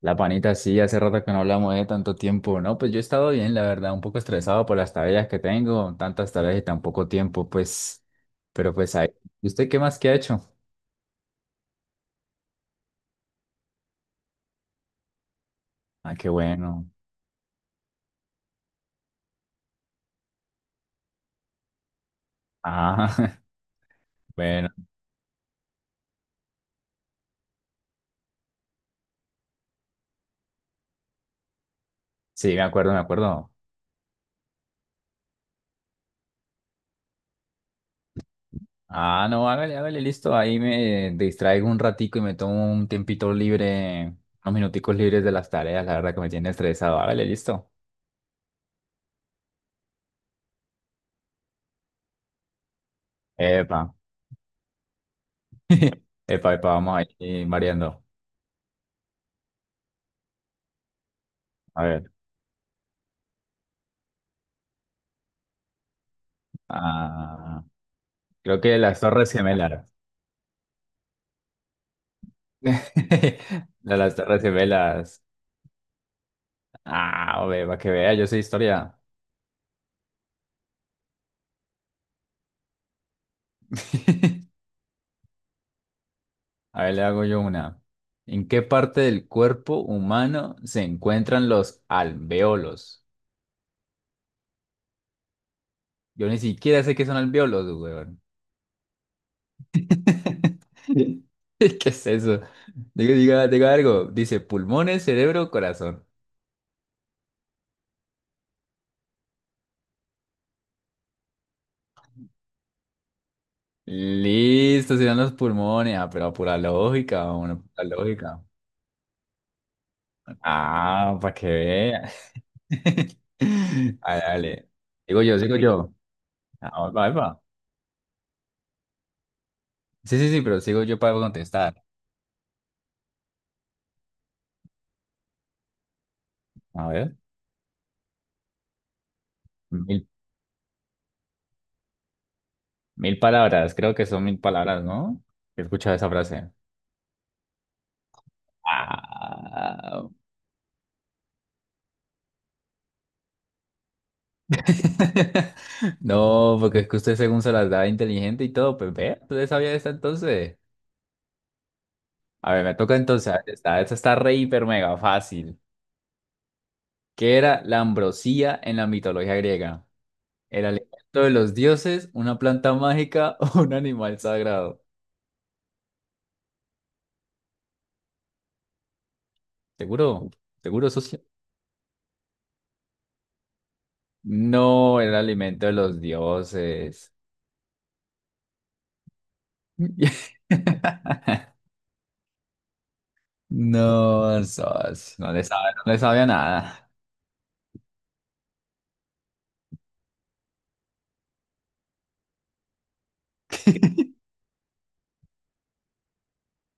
La panita, sí, hace rato que no hablamos de tanto tiempo. No, pues yo he estado bien, la verdad, un poco estresado por las tareas que tengo, tantas tareas y tan poco tiempo, pues, pero pues ahí. ¿Y usted qué más que ha hecho? Ah, qué bueno. Ah, bueno, sí, me acuerdo, me acuerdo. Ah, no, hágale, hágale, listo. Ahí me distraigo un ratico y me tomo un tiempito libre, unos minuticos libres de las tareas, la verdad que me tiene estresado. Hágale, listo. Epa. Epa, epa, vamos ahí variando. A ver. Ah. Creo que las Torres Gemelas. Las Torres Gemelas. Ah, hombre, para que vea, yo sé historia. A ver, le hago yo una. ¿En qué parte del cuerpo humano se encuentran los alveolos? Yo ni siquiera sé qué son alveolos, weón. ¿Qué es eso? Diga, diga, diga algo. Dice pulmones, cerebro, corazón. Listo, serán los pulmones. Ah, pero a pura lógica, una pura lógica. Ah, para que vea. Dale, dale. Sigo yo, sigo yo. Ah, va, va. Sí, sí, sí, pero sigo yo para contestar. A ver, mil, mil palabras, creo que son mil palabras, ¿no? He escuchado esa frase. Ah, no, porque es que usted según se las da inteligente y todo, pues ve, usted sabía esta entonces. A ver, me toca entonces. Esta está re hiper mega fácil. ¿Qué era la ambrosía en la mitología griega? ¿El alimento de los dioses, una planta mágica o un animal sagrado? Seguro, seguro socio. No, el alimento de los dioses. No, socio, no le sabe, no le sabe a nada.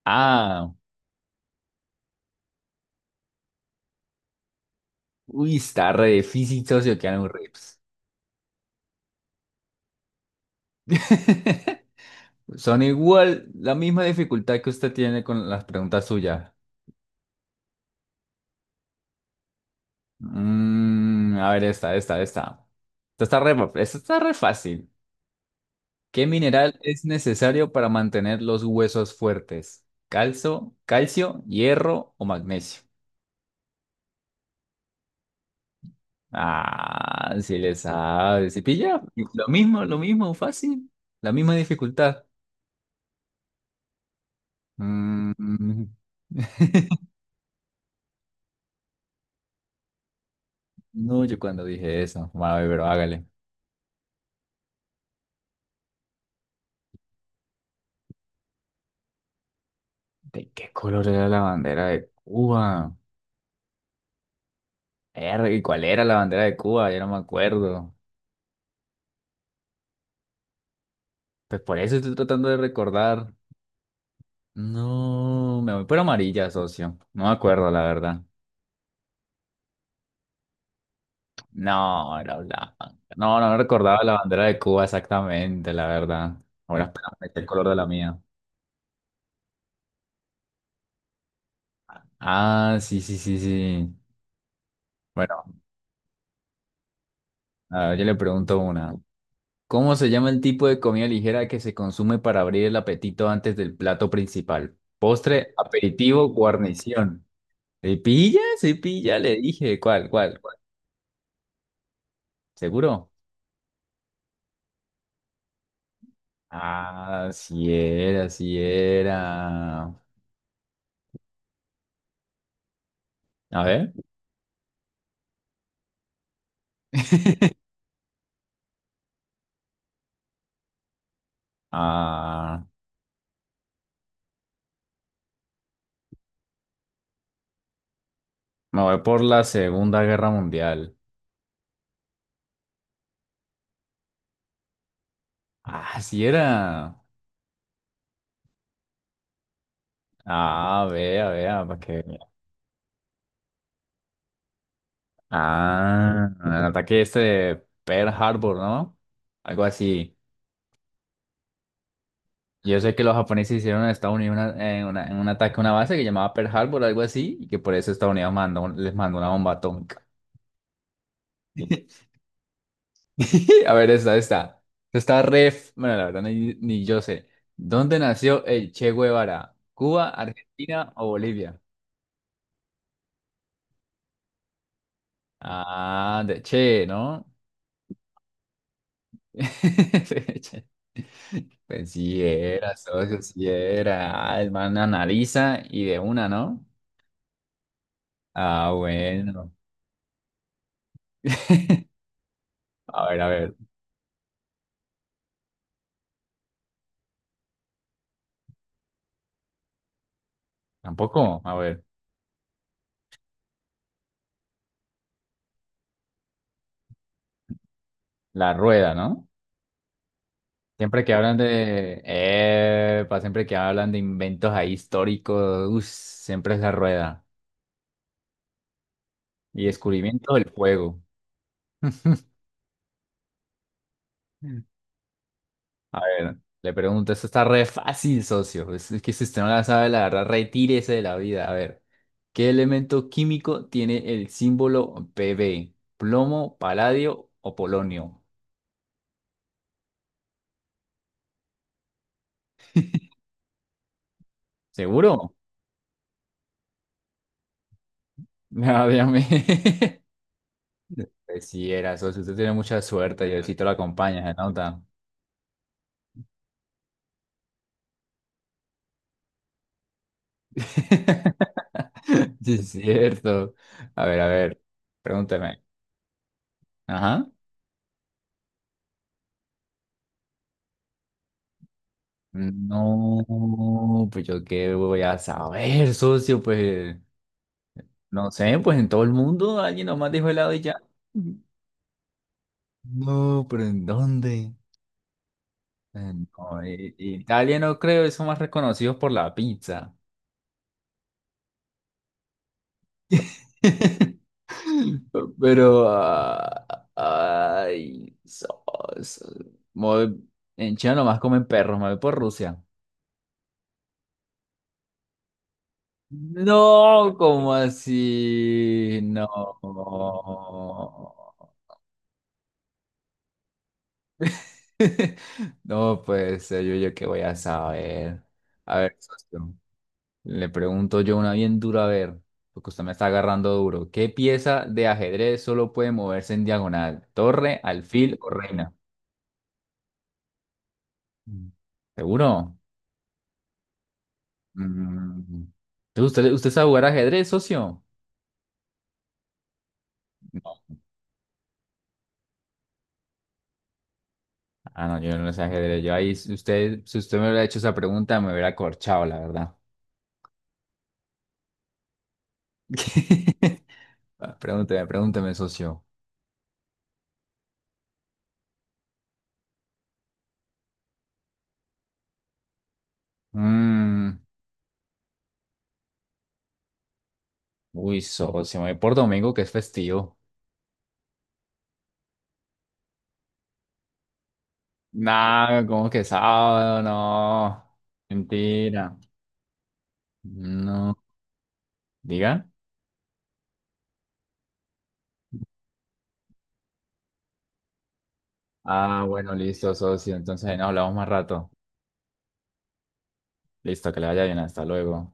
Ah, uy, está re difícil, socio, que un rips. Son igual, la misma dificultad que usted tiene con las preguntas suyas. Mm, a ver, esta, esta, esta. Esta está re, esta está re fácil. ¿Qué mineral es necesario para mantener los huesos fuertes? ¿Calcio, calcio, hierro o magnesio? Ah, si le sabes. ¿Sí pilla? Lo mismo, fácil. La misma dificultad. Mm. No, yo cuando dije eso. Vale, pero hágale. ¿De qué color era la bandera de Cuba? Verga, ¿y cuál era la bandera de Cuba? Ya no me acuerdo. Pues por eso estoy tratando de recordar. No, me voy por amarilla, socio. No me acuerdo, la verdad. No, era blanca. No, no recordaba la bandera de Cuba exactamente, la verdad. Ahora espera, me sé el color de la mía. Ah, sí, sí, sí, sí. Bueno, a ver, yo le pregunto una. ¿Cómo se llama el tipo de comida ligera que se consume para abrir el apetito antes del plato principal? Postre, aperitivo, guarnición. ¿Se pilla? ¿Se pilla? Le dije. ¿Cuál, cuál, cuál? ¿Seguro? Ah, sí era, sí era. A ver. Ah. Me voy por la Segunda Guerra Mundial. Ah, sí era. Ah, vea, vea, para que. Ah, el ataque este de Pearl Harbor, ¿no? Algo así. Yo sé que los japoneses hicieron en Estados Unidos en un ataque a una base que llamaba Pearl Harbor, algo así, y que por eso Estados Unidos les mandó una bomba atómica. A ver, esta, esta. Esta está ref. Bueno, la verdad, ni yo sé. ¿Dónde nació el Che Guevara? ¿Cuba, Argentina o Bolivia? Ah, de Che, ¿no? Pues sí era, socio, sí era. Ah, el man analiza y de una, ¿no? Ah, bueno. A ver, a ver. Tampoco, a ver. La rueda, ¿no? Siempre que hablan de... Epa, siempre que hablan de inventos ahí históricos, uff, siempre es la rueda. Y descubrimiento del fuego. A ver, le pregunto, esto está re fácil, socio. Es que si usted no la sabe, la verdad, retírese de la vida. A ver, ¿qué elemento químico tiene el símbolo Pb? ¿Plomo, paladio o polonio? ¿Seguro? No, obviamente. Pues sí, era socio. Usted tiene mucha suerte. Diosito lo acompaña, se nota. Sí, es cierto. A ver, pregúnteme. Ajá. No, pues yo qué voy a saber, socio, pues. No sé, pues en todo el mundo alguien nomás dijo helado y ya. No, pero ¿en dónde? No, Italia no creo, son más reconocidos por la pizza. Pero, ah, ay, so- me voy- en China nomás comen perros, me voy por Rusia. No, ¿cómo así? No. No, pues yo qué voy a saber. A ver, socio. Le pregunto yo una bien dura, a ver, porque usted me está agarrando duro. ¿Qué pieza de ajedrez solo puede moverse en diagonal? ¿Torre, alfil o reina? Mm. ¿Seguro? Mm. ¿Usted sabe jugar ajedrez, socio? No. Ah, no, yo no sé ajedrez. Yo ahí, si usted me hubiera hecho esa pregunta, me hubiera corchado, la verdad. Ah, pregúnteme, pregúnteme, socio. Mm. Uy, socio, me voy por domingo, que es festivo. Nada, ¿cómo que sábado? No, mentira. No, diga. Ah, bueno, listo, socio. Entonces ahí nos hablamos más rato. Listo, que le vaya bien. Hasta luego.